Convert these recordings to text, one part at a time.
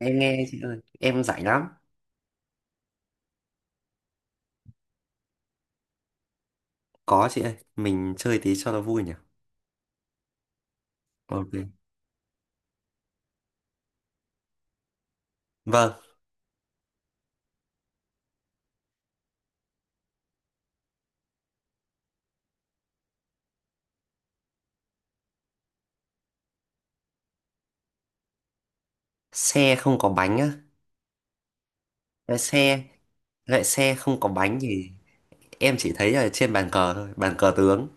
Em nghe chị ơi, em rảnh lắm. Có chị ơi, mình chơi tí cho nó vui nhỉ. Ok. Vâng. Xe không có bánh á? Cái xe, loại xe không có bánh thì em chỉ thấy ở trên bàn cờ thôi, bàn cờ tướng.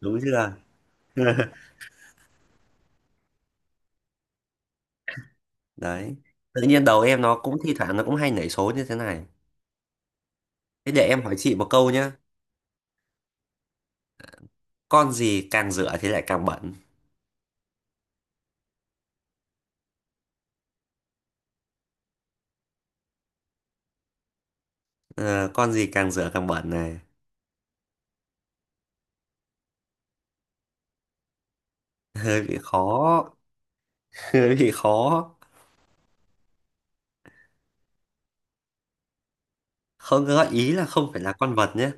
Đúng chưa? Đấy, tự nhiên đầu em nó cũng thi thoảng nó cũng hay nảy số như thế này. Thế để em hỏi chị một câu nhá. Con gì càng rửa thì lại càng bẩn? Ờ, con gì càng rửa càng bẩn này. Hơi bị khó. Hơi bị khó. Không, gợi ý là không phải là con vật nhé.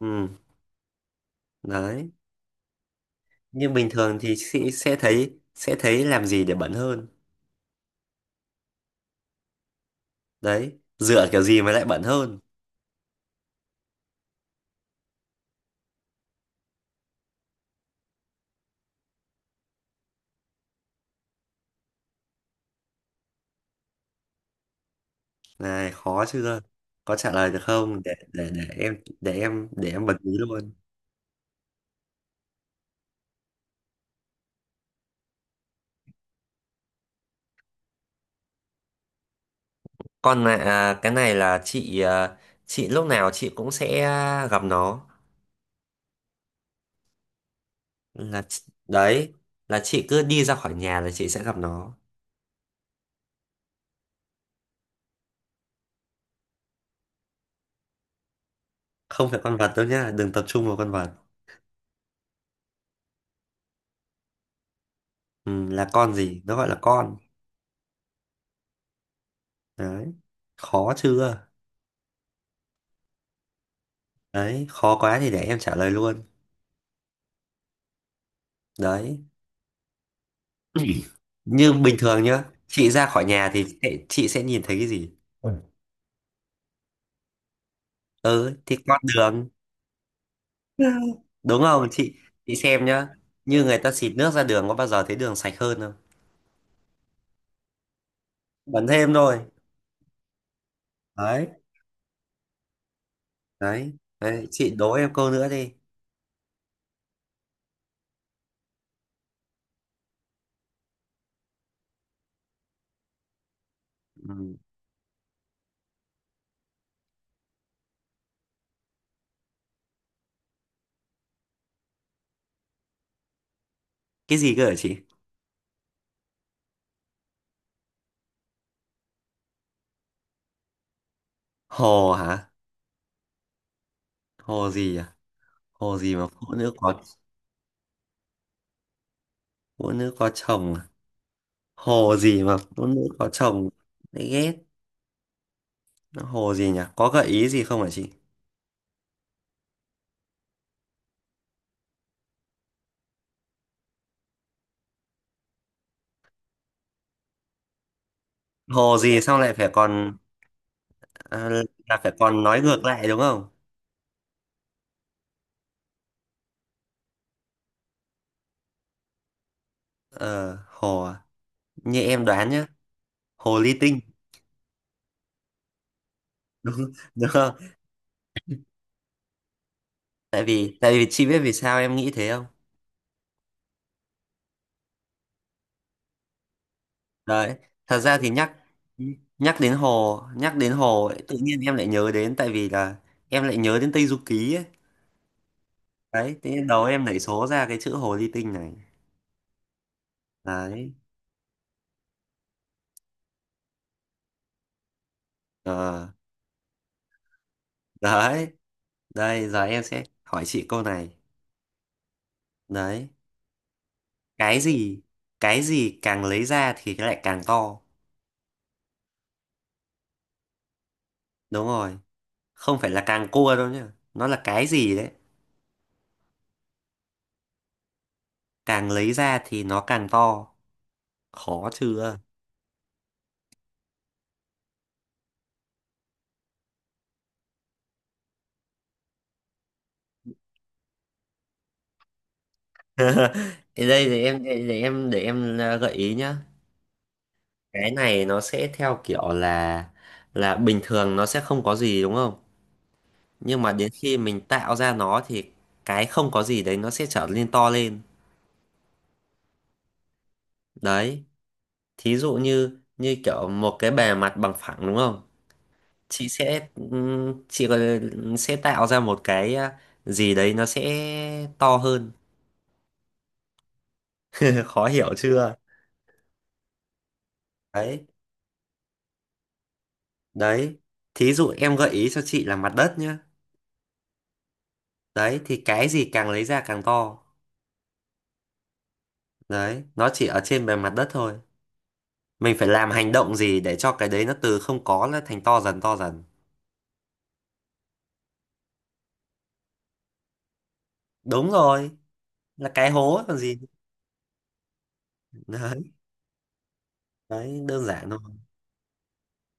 Ừ. Đấy. Nhưng bình thường thì sẽ thấy, sẽ thấy làm gì để bẩn hơn? Đấy, dựa kiểu gì mà lại bẩn hơn? Này khó chưa? Có trả lời được không để em bật mí luôn? Còn là cái này là chị, chị lúc nào chị cũng sẽ gặp nó, là đấy, là chị cứ đi ra khỏi nhà là chị sẽ gặp nó. Không phải con vật đâu nhá, đừng tập trung vào con vật. Ừ, là con gì nó gọi là con. Đấy. Khó chưa? Đấy, khó quá thì để em trả lời luôn. Đấy. Như bình thường nhá, chị ra khỏi nhà thì chị sẽ nhìn thấy cái gì? Ôi. Ừ thì con đường. Ừ, đúng không chị? Chị xem nhá, như người ta xịt nước ra đường có bao giờ thấy đường sạch hơn không? Bẩn thêm thôi. Đấy. Đấy, đấy. Chị đố em câu nữa đi. Ừ. Cái gì cơ hả chị? Hồ hả? Hồ gì à? Hồ gì mà phụ nữ có. Phụ nữ có chồng à? Hồ gì mà phụ nữ có chồng. Đấy, ghét. Nó hồ gì nhỉ, có gợi ý gì không hả chị? Hồ gì xong lại phải còn. À, là phải còn nói ngược lại đúng không? Ờ, hồ à? Như em đoán nhá, hồ ly tinh. Đúng không? Tại vì, tại vì chị biết vì sao em nghĩ thế không? Đấy, thật ra thì nhắc, nhắc đến hồ ấy, tự nhiên em lại nhớ đến, tại vì là em lại nhớ đến Tây Du Ký ấy. Đấy, thế nên đầu em nảy số ra cái chữ hồ ly tinh này. Đấy. Ờ, đấy, đây giờ em sẽ hỏi chị câu này. Đấy, cái gì, cái gì càng lấy ra thì lại càng to. Đúng rồi. Không phải là càng cua đâu nhá, nó là cái gì đấy càng lấy ra thì nó càng to. Khó chưa? Thì đây để em gợi ý nhá. Cái này nó sẽ theo kiểu là bình thường nó sẽ không có gì đúng không, nhưng mà đến khi mình tạo ra nó thì cái không có gì đấy nó sẽ trở nên to lên. Đấy, thí dụ như như kiểu một cái bề mặt bằng phẳng đúng không, chị sẽ chị gọi là, sẽ tạo ra một cái gì đấy nó sẽ to hơn. Khó hiểu chưa? Đấy. Đấy, thí dụ em gợi ý cho chị là mặt đất nhá. Đấy thì cái gì càng lấy ra càng to, đấy nó chỉ ở trên bề mặt đất thôi, mình phải làm hành động gì để cho cái đấy nó từ không có nó thành to dần, to dần. Đúng rồi, là cái hố ấy còn gì. Đấy. Đấy, đơn giản thôi.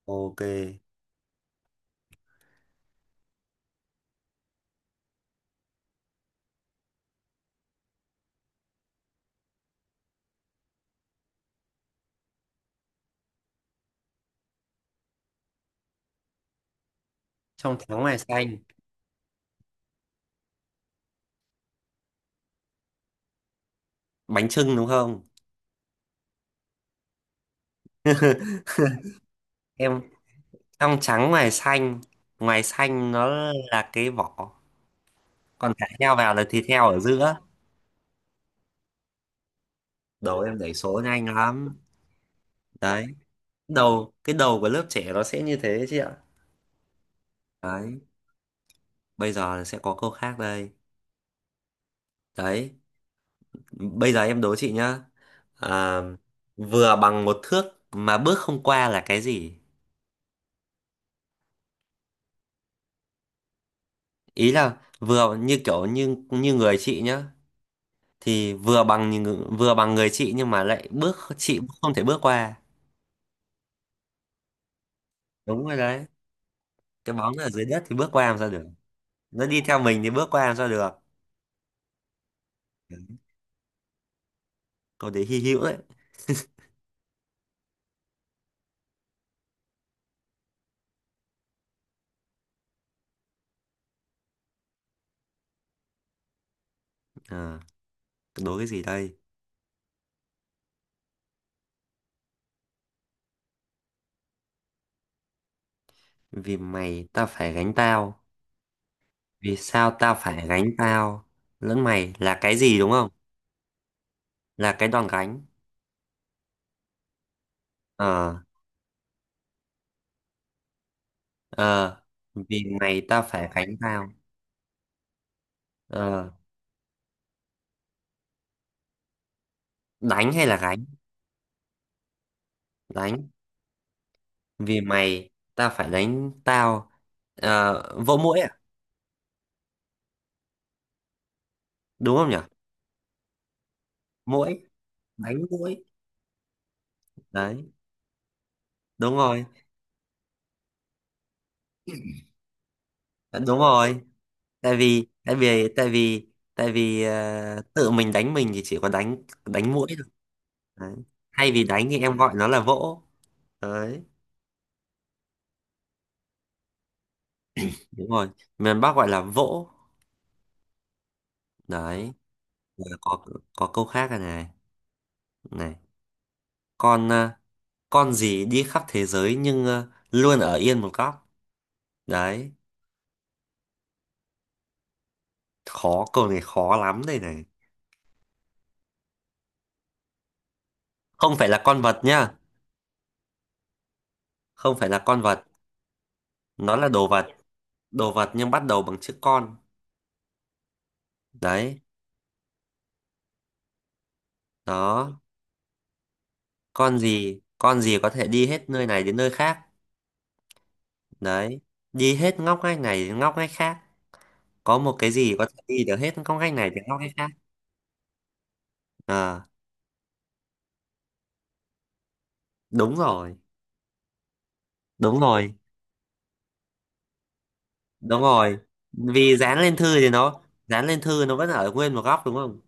Ok. Trong trắng ngoài xanh. Bánh chưng đúng không? Em, trong trắng ngoài xanh, ngoài xanh nó là cái vỏ, còn thả heo vào là thịt heo ở giữa. Đồ em đẩy số nhanh lắm. Đấy, đầu, cái đầu của lớp trẻ nó sẽ như thế chị ạ. Đấy, bây giờ sẽ có câu khác đây. Đấy, bây giờ em đố chị nhá. à, vừa bằng một thước mà bước không qua là cái gì? Ý là vừa như kiểu như như người chị nhá, thì vừa bằng như vừa bằng người chị nhưng mà lại bước chị không thể bước qua. Đúng rồi đấy. Cái bóng ở dưới đất thì bước qua làm sao được, nó đi theo mình thì bước qua làm sao được. Câu đấy hy hữu đấy. À, đố cái gì đây? Vì mày tao phải gánh tao, vì sao tao phải gánh tao lẫn mày là cái gì đúng không? Là cái đòn gánh. Ờ. Ờ, vì mày tao phải gánh tao. Ờ, đánh hay là gánh? Đánh. Vì mày tao phải đánh tao. Ờ, vỗ muỗi à? Đúng không nhỉ? Muỗi, đánh muỗi. Đấy, đúng rồi. Ờ, đúng rồi. Tại vì, tại vì tự mình đánh mình thì chỉ có đánh đánh muỗi thôi. Đấy. Thay vì đánh thì em gọi nó là vỗ. Đấy. Đúng rồi, miền Bắc gọi là vỗ. Đấy. Rồi có câu khác này này này. Con con gì đi khắp thế giới nhưng luôn ở yên một góc. Đấy, khó, câu này khó lắm đây này. Không phải là con vật nhá. Không phải là con vật, nó là đồ vật. Đồ vật nhưng bắt đầu bằng chữ con. Đấy. Đó. Con gì, con gì có thể đi hết nơi này đến nơi khác. Đấy, đi hết ngóc ngách này đến ngóc ngách khác, có một cái gì có thể đi được hết ngóc ngách này đến ngóc ngách khác. Ờ. Đúng rồi. Đúng rồi. Đúng rồi, vì dán lên thư thì nó, dán lên thư nó vẫn ở nguyên một góc đúng không.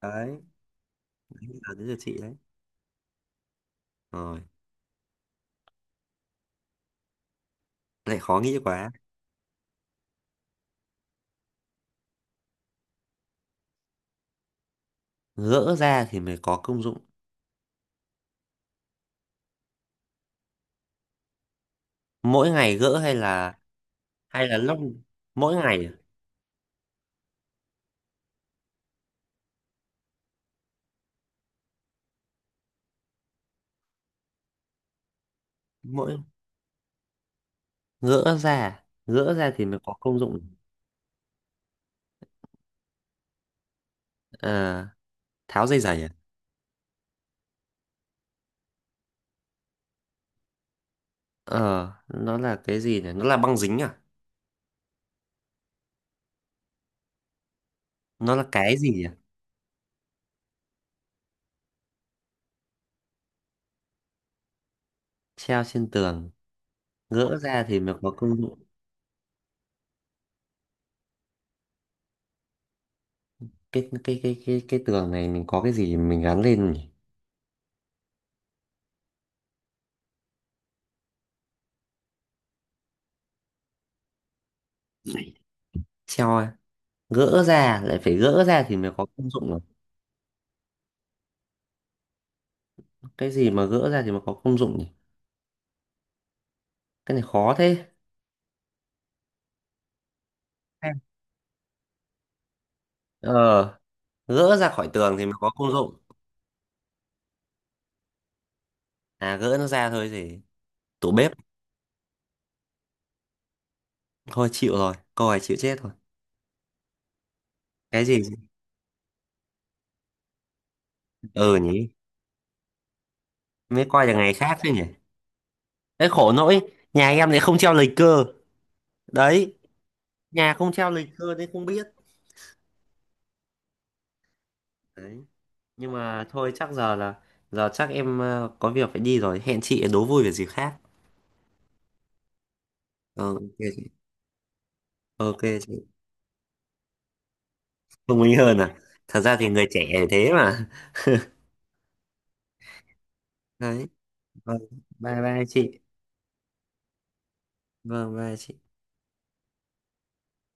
Đấy. Giờ đến lượt chị đấy. Rồi, lại khó nghĩ quá. Gỡ ra thì mới có công dụng. Mỗi ngày gỡ hay là, hay là lúc. Mỗi ngày à? Mỗi, gỡ ra, gỡ ra thì mới có công dụng. À, tháo dây giày à? Ờ, nó là cái gì nhỉ, nó là băng dính à? Nó là cái gì nhỉ? Treo trên tường. Gỡ ra thì mới có công dụng. Cái tường này mình có cái gì mình gắn lên nhỉ? Treo à? Gỡ ra à? Lại phải gỡ ra thì mới có công dụng à? Cái gì mà gỡ ra thì mới có công dụng nhỉ? Cái này khó thế. Em. Ờ, gỡ ra khỏi tường thì mới có công dụng. À, gỡ nó ra thôi gì. Tủ bếp. Thôi chịu rồi, câu này chịu chết rồi. Cái gì? Ừ nhỉ, mới coi là ngày khác chứ nhỉ. Cái khổ nỗi nhà em lại không treo lịch cơ. Đấy, nhà không treo lịch cơ nên không biết. Đấy. Nhưng mà thôi, chắc giờ là, giờ chắc em có việc phải đi rồi. Hẹn chị đố vui về dịp khác. Ờ, ok chị. Ok chị. Thông minh hơn à? Thật ra thì người trẻ thế mà. Đấy. Vâng. Bye bye chị. Vâng bye chị.